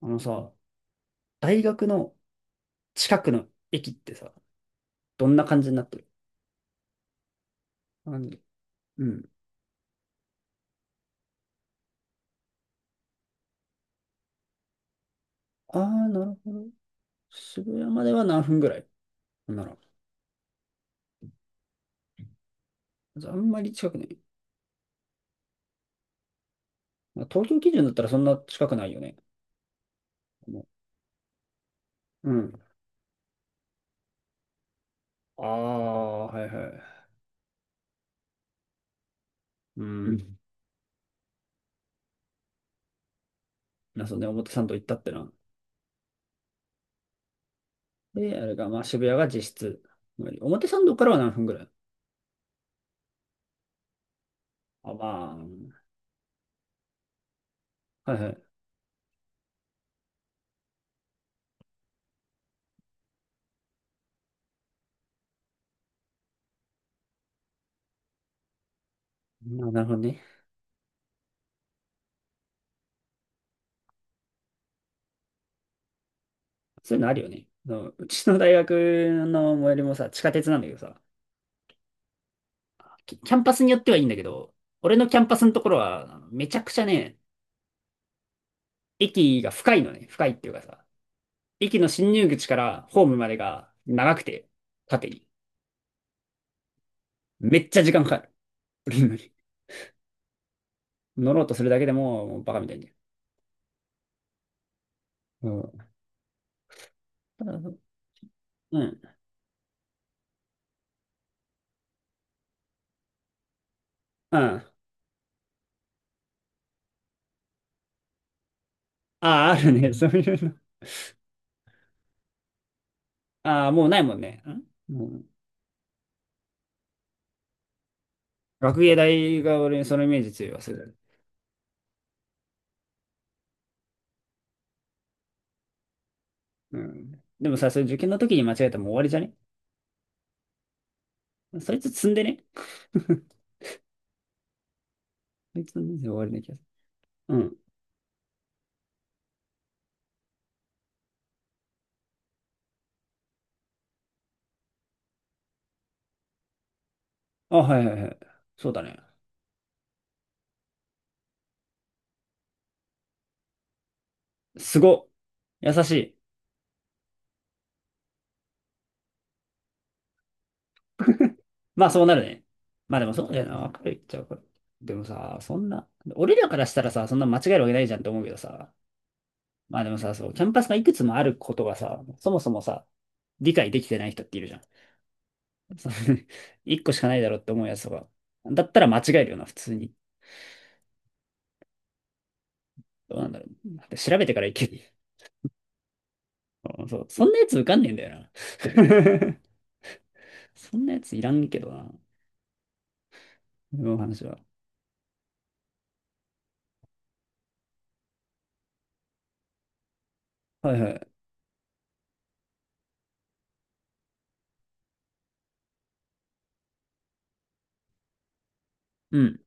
あのさ、大学の近くの駅ってさ、どんな感じになってる？あのうん。ああ、なるほど。渋谷までは何分ぐらいほんなら？じゃああんまり近くない。まあ東京基準だったらそんな近くないよね。もうん。ああ、はいはい。うん。そうね、表参道行ったってな。で、あれが、まあ渋谷が実質。表参道からは何分ぐらい？あ、まあ、はいはい。まあ、なるほどね。そういうのあるよね。あのうちの大学の最寄りもさ、地下鉄なんだけどさ、キャンパスによってはいいんだけど、俺のキャンパスのところは、めちゃくちゃね、駅が深いのね。深いっていうかさ、駅の進入口からホームまでが長くて、縦に。めっちゃ時間かかる。降りるのに乗ろうとするだけでも、もうバカみたいにね。うん。ただ、うん。うん。ああ、あるね。そういうの。ああ、もうないもんね。うん。学芸大が俺にそのイメージ強いわ、する。うん。でもさ、それ受験の時に間違えたらもう終わりじゃね？そいつ積んでね。そいつ積んで終わりな気がする。うん。あ、はいはいはい。そうだね。すご。優しい。まあそうなるね。まあでもそうだよな。わかるいっちゃうから。でもさ、そんな、俺らからしたらさ、そんな間違えるわけないじゃんって思うけどさ。まあでもさ、そう、キャンパスがいくつもあることがさ、そもそもさ、理解できてない人っているじゃん。そう、 一個しかないだろうって思うやつとか。だったら間違えるよな、普通に。どうなんだろう。だって調べてからいける。うん、そう、そんなやつ受かんねえんだよな。そんなやついらんけどな。今の話は。はいはい。うん。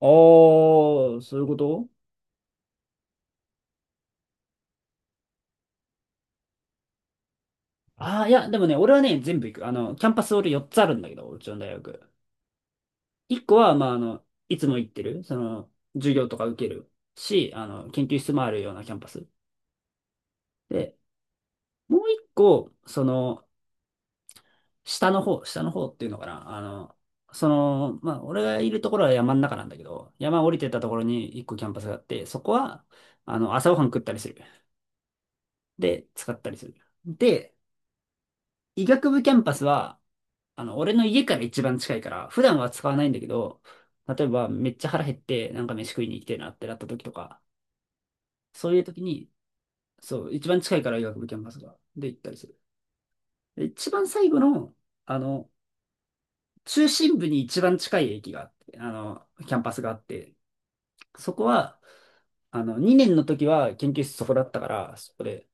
ああー、そういうこと？ああー、いや、でもね、俺はね、全部行く。あの、キャンパス俺4つあるんだけど、うちの大学。1個は、まあ、あの、いつも行ってる、その、授業とか受けるし、あの、研究室もあるようなキャンパス。で、もう1個、その、下の方、下の方っていうのかな。あの、その、まあ、俺がいるところは山の中なんだけど、山降りてったところに1個キャンパスがあって、そこは、あの、朝ごはん食ったりする。で、使ったりする。で、医学部キャンパスは、あの、俺の家から一番近いから、普段は使わないんだけど、例えばめっちゃ腹減って、なんか飯食いに行きたいなってなった時とか、そういう時に、そう、一番近いから医学部キャンパスが、で行ったりする。で一番最後の、あの、中心部に一番近い駅があって、あの、キャンパスがあって、そこは、あの、2年の時は研究室そこだったから、そこで、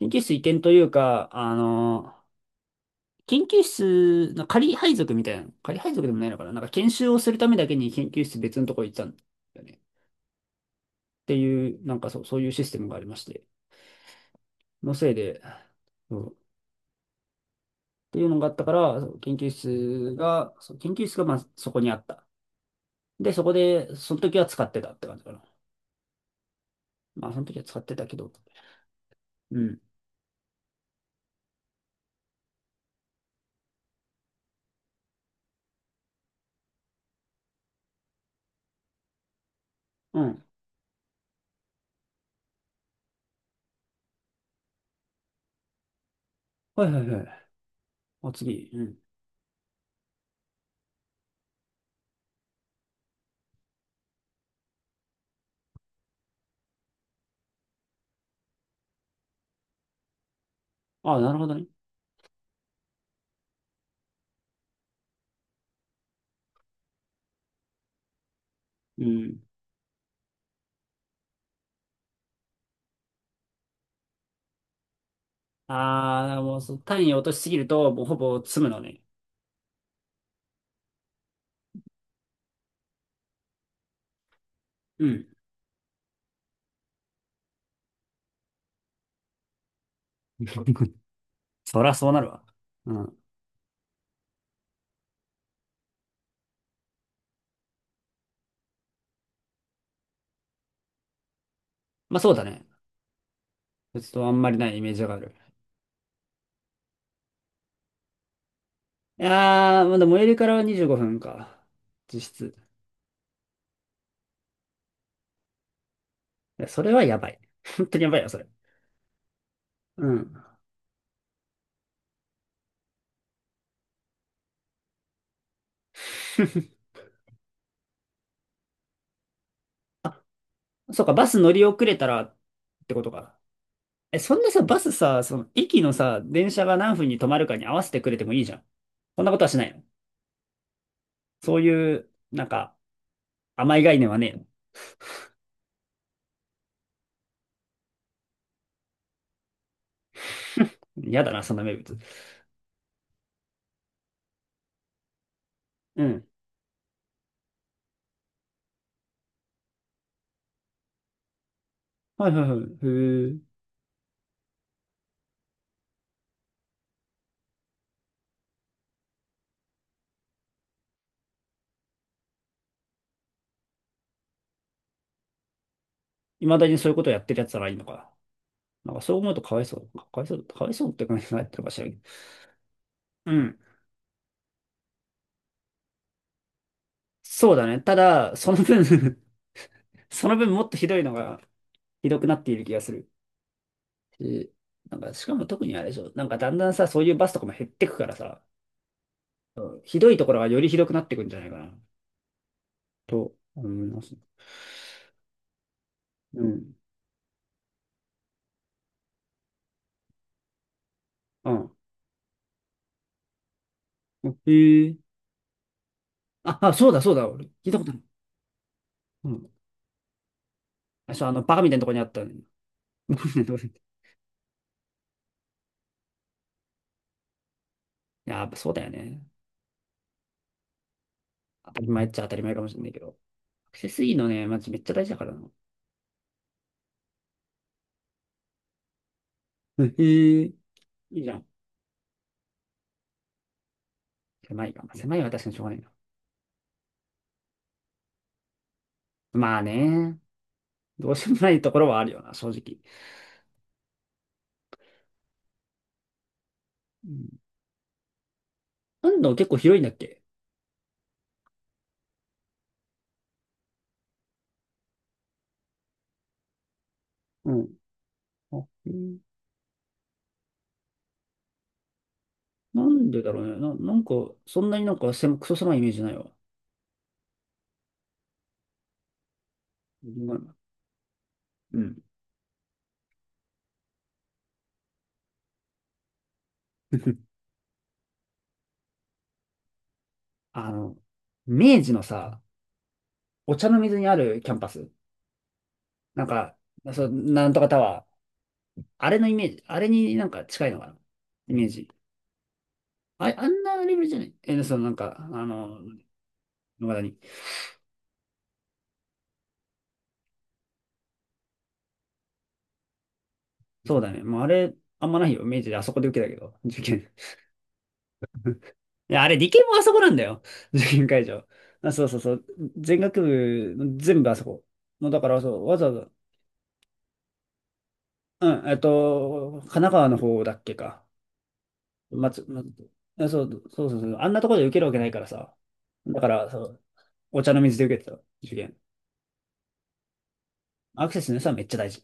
研究室移転というか、あの、研究室、仮配属みたいなの、仮配属でもないのかな、なんか研修をするためだけに研究室別のとこ行ったんだよね。っていう、なんかそう、そういうシステムがありまして、のせいで、そうっていうのがあったから、そう研究室が、そう研究室がまあそこにあった。で、そこで、その時は使ってたって感じかな。まあ、その時は使ってたけど、うん、うん。はいはいはい。あ、次、うん。あ、なるほどね。うん。ああ、もうそう単位を落としすぎると、もうほぼ詰むのね。うん。そらそうなるわ。うん。まあそうだね。ちょっとあんまりないイメージがある。いやー、まだ最寄りからは25分か。実質。いや、それはやばい。本当にやばいよ、それ。うん。そうか、バス乗り遅れたらってことか。え、そんなさ、バスさ、その駅のさ、電車が何分に止まるかに合わせてくれてもいいじゃん。そんなことはしないの？そういう、なんか、甘い概念はねえの。嫌だな、そんな名物。うん。はいはいはい。へえ。未だにそういうことやってるやつならいいのか。なんかそう思うとかわいそう。かわいそう、かわいそうって感じになってるかしらんけど。うん。そうだね。ただ、その分、 その分もっとひどいのが、ひどくなっている気がする。しなんか、しかも特にあれでしょ。なんかだんだんさ、そういうバスとかも減ってくからさ、うん、ひどいところがよりひどくなってくんじゃないかな、と思います。うん。うん。うん、へえ。あ、あ、そうだ、そうだ、俺。聞いたことある。うん。あそう、あの、バカみたいなとこにあったね。バカみたいなとこに、いや、やっぱそうだよね。当たり前っちゃ当たり前かもしれないけど。アクセスいいのね、マジめっちゃ大事だからな。へえ、いいじゃん。狭いか。まあ狭いは確かにしょうがないな。まあね。どうしようもないところはあるよな、正直。うん。なんだ、結構広いんだっけ？うん。あ、へえ、なんでだろうね。なんか、そんなになんか狭、クソ狭いイメージないわ。うん。うん、 あの、明治のさ、お茶の水にあるキャンパス。なんか、そう、なんとかタワー。あれのイメージ、あれになんか近いのかな、イメージ。あ、あんなレベルじゃない、え、そのなんか、あの、野方に。そうだね。もうあれ、あんまないよ。明治であそこで受けたけど、受験。いや、あれ、理系もあそこなんだよ。受験会場。あ、そうそうそう。全学部、全部あそこ。もうだから、そう、わざわざ、うん、えっと、神奈川の方だっけか。松、あそう、そうそうそう。あんなところで受けるわけないからさ。だから、そう、お茶の水で受けてた、受験。アクセスの良さはめっちゃ大事。